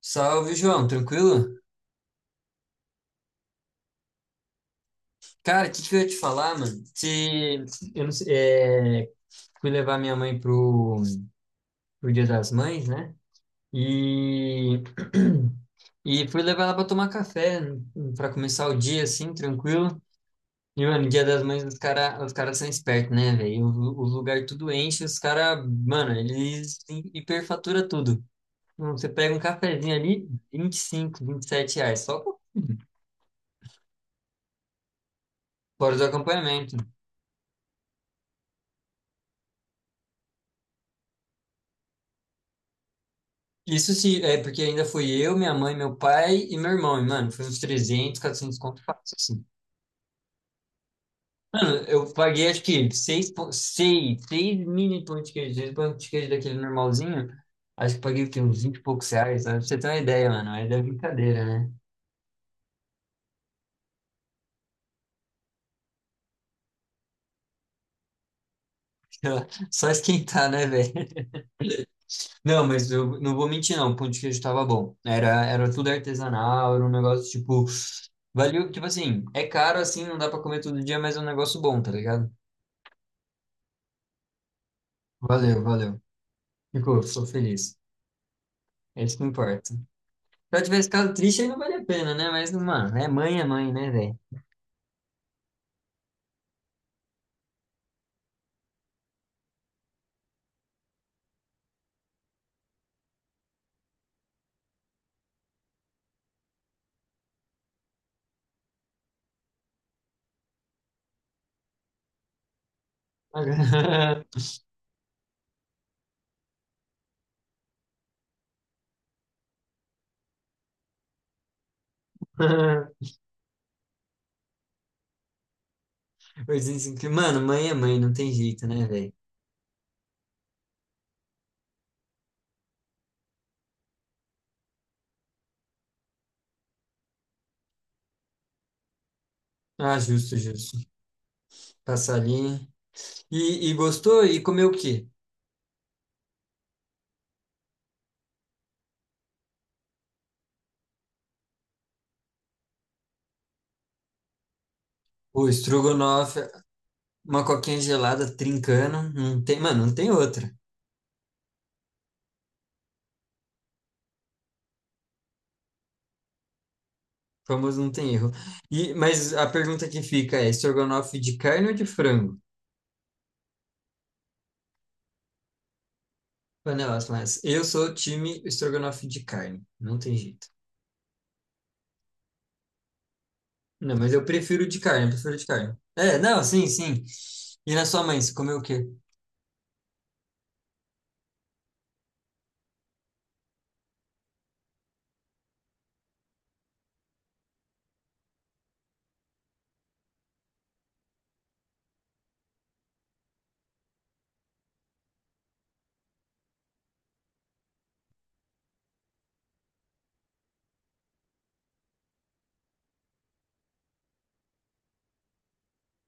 Salve, João, tranquilo? Cara, o que eu ia te falar, mano? Se eu não sei, é, Fui levar minha mãe pro Dia das Mães, né? E, e fui levar ela pra tomar café, pra começar o dia, assim, tranquilo. E, mano, Dia das Mães, os caras são espertos, né, velho? O lugar tudo enche, os caras, mano, eles hiperfatura tudo. Você pega um cafezinho ali, 25, sete reais, só fora do acompanhamento. Isso sim, é porque ainda fui eu, minha mãe, meu pai e meu irmão, e, mano, foi uns 300 400 conto fácil, assim. Eu paguei, acho que, seis mini pão de queijo, seis pão de queijo daquele normalzinho, acho que paguei, o quê, uns 20 e poucos reais, sabe? Pra você ter uma ideia, mano, mas é brincadeira, né? Só esquentar, né, velho? Não, mas eu não vou mentir, não, o pão de queijo tava bom. Era tudo artesanal, era um negócio, tipo, valeu, tipo assim, é caro, assim, não dá pra comer todo dia, mas é um negócio bom, tá ligado? Valeu, valeu. Ficou feliz. É isso que importa. Se eu tivesse ficado triste, aí não vale a pena, né? Mas, mano, é mãe, né, velho? Eu disse assim que, mano, mãe é mãe, não tem jeito, né, velho? Ah, justo, justo. Passar ali. E gostou? E comeu o quê? O estrogonofe, uma coquinha gelada trincando. Não tem, mano, não tem outra. Famoso não tem erro. E, mas a pergunta que fica é: estrogonofe de carne ou de frango? Panelas, mas eu sou time estrogonofe de carne. Não tem jeito. Não, mas eu prefiro de carne, eu prefiro de carne. É, não, sim, sim. E na sua mãe, você comeu o quê?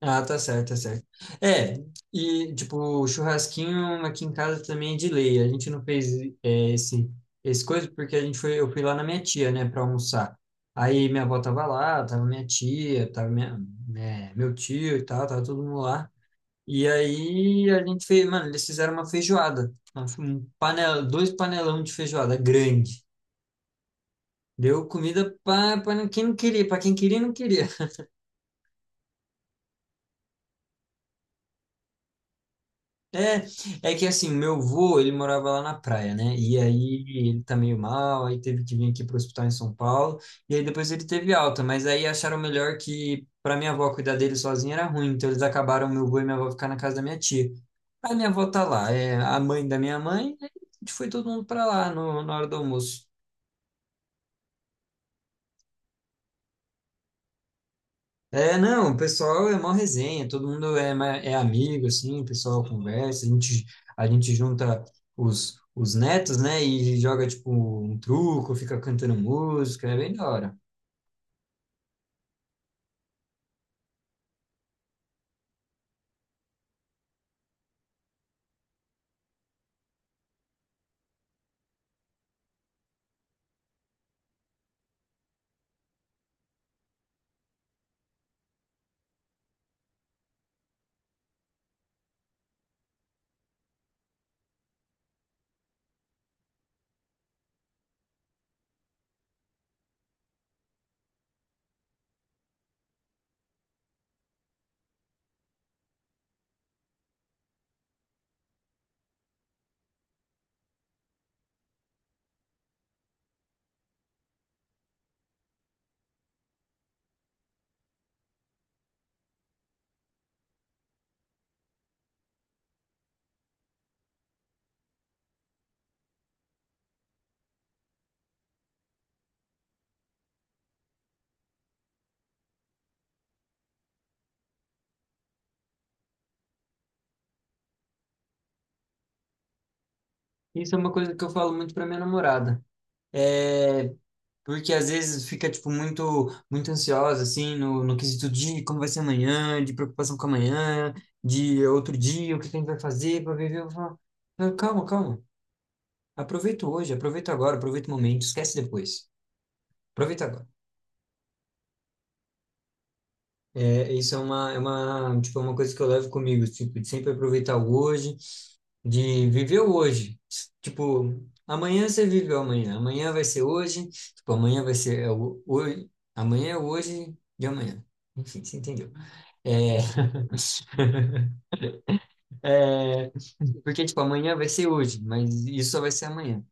Ah, tá certo, tá certo. É, e tipo, o churrasquinho aqui em casa também é de lei. A gente não fez é, esse, esse coisa porque eu fui lá na minha tia, né, pra almoçar. Aí minha avó tava lá, tava minha tia, meu tio e tal, tava todo mundo lá. E aí a gente fez, mano, eles fizeram uma feijoada. Dois panelão de feijoada grande. Deu comida para quem não queria, para quem queria, não queria. É, é que assim, meu avô, ele morava lá na praia, né? E aí ele tá meio mal, aí teve que vir aqui pro hospital em São Paulo, e aí depois ele teve alta, mas aí acharam melhor que para minha avó cuidar dele sozinha era ruim, então eles acabaram meu avô e minha avó ficar na casa da minha tia. Aí minha avó tá lá, é a mãe da minha mãe, aí a gente foi todo mundo para lá no, na hora do almoço. É, não, o pessoal é mó resenha, todo mundo é, é amigo, assim, o pessoal conversa, a gente junta os netos, né, e joga, tipo, um truco, fica cantando música, é bem da hora. Isso é uma coisa que eu falo muito pra minha namorada, é, porque às vezes fica, tipo, muito ansiosa, assim, no quesito de como vai ser amanhã, de preocupação com amanhã, de outro dia, o que a gente vai fazer pra viver, eu falo, "Não, calma, calma, aproveita hoje, aproveita agora, aproveita o momento, esquece depois. Aproveitar agora. Tipo, é uma coisa que eu levo comigo, tipo, de sempre aproveitar o hoje, de viver o hoje. Tipo, amanhã você vive o amanhã, amanhã vai ser hoje, tipo, amanhã vai ser é o hoje, amanhã é o hoje de amanhã. Enfim, você entendeu. É... é, Porque, tipo, amanhã vai ser hoje, mas isso só vai ser amanhã.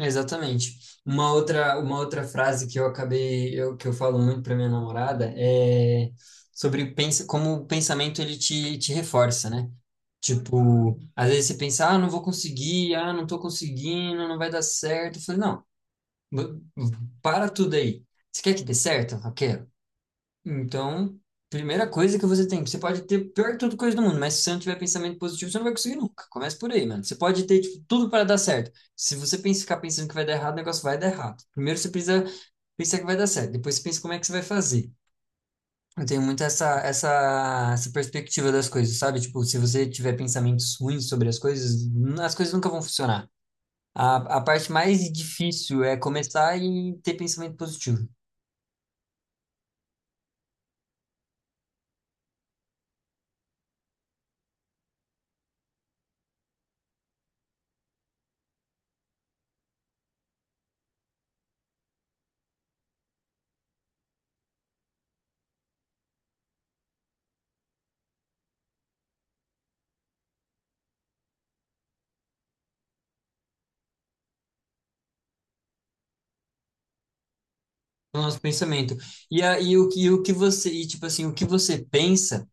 Exatamente. Uma outra frase que que eu falo muito para minha namorada é sobre pensa, como o pensamento te reforça, né? Tipo, às vezes você pensa, ah, não vou conseguir, ah, não tô conseguindo, não vai dar certo. Eu falei, não, b- para tudo aí. Você quer que dê certo? Ok, então, primeira coisa que você tem, você pode ter pior que tudo coisa do mundo, mas se você não tiver pensamento positivo, você não vai conseguir nunca. Começa por aí, mano. Você pode ter, tipo, tudo para dar certo. Se você pensa, ficar pensando que vai dar errado, o negócio vai dar errado. Primeiro você precisa pensar que vai dar certo, depois você pensa como é que você vai fazer. Eu tenho muito essa perspectiva das coisas, sabe? Tipo, se você tiver pensamentos ruins sobre as coisas, as coisas nunca vão funcionar. A parte mais difícil é começar e ter pensamento positivo. No nosso pensamento. E aí o que você, e, tipo assim, o que você pensa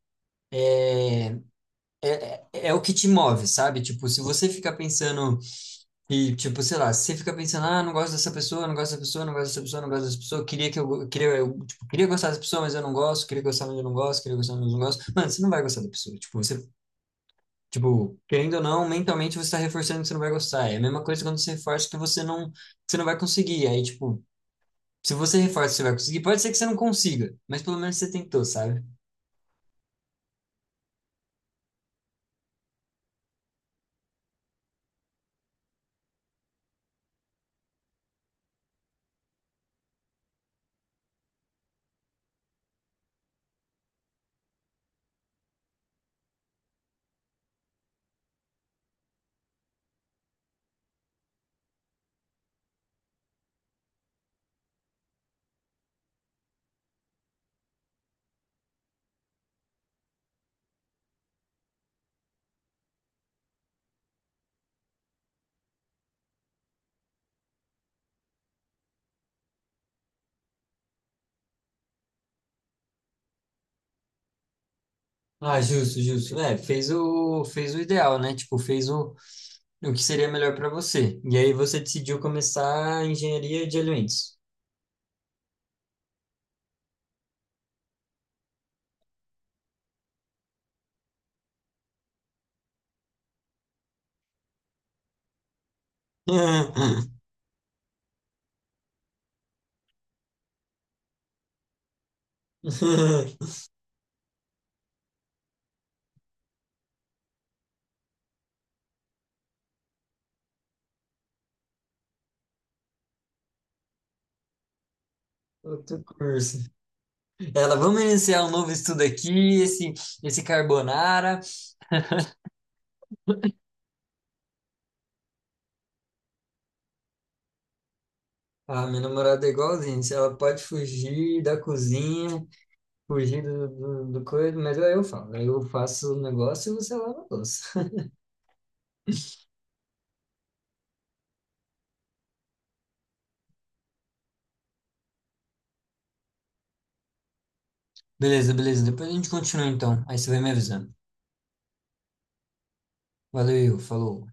é o que te move, sabe? Tipo, se você ficar pensando e tipo, sei lá, se você ficar pensando, ah, não gosto dessa pessoa, não gosto dessa pessoa, não gosto dessa pessoa, não gosto dessa pessoa, queria que eu go- queria eu, tipo, queria gostar dessa pessoa, mas eu não gosto, queria gostar, mas eu não gosto, queria gostar, mas eu não gosto. Mano, você não vai gostar da pessoa. Tipo, você tipo, querendo ou não, mentalmente você está reforçando que você não vai gostar. É a mesma coisa quando você reforça que você não vai conseguir. Aí, tipo, se você reforça que você vai conseguir, pode ser que você não consiga, mas pelo menos você tentou, sabe? Ah, justo, justo. É, fez o ideal, né? Tipo, o que seria melhor para você. E aí você decidiu começar a engenharia de alimentos. Outro curso. Ela, vamos iniciar um novo estudo aqui, esse carbonara. Ah, minha namorada é igualzinha. Se ela pode fugir da cozinha, fugir do coisa, mas aí eu falo. Aí eu faço o negócio e você lava a louça. Beleza, beleza. Depois a gente continua então. Aí você vai me avisando. Valeu, falou.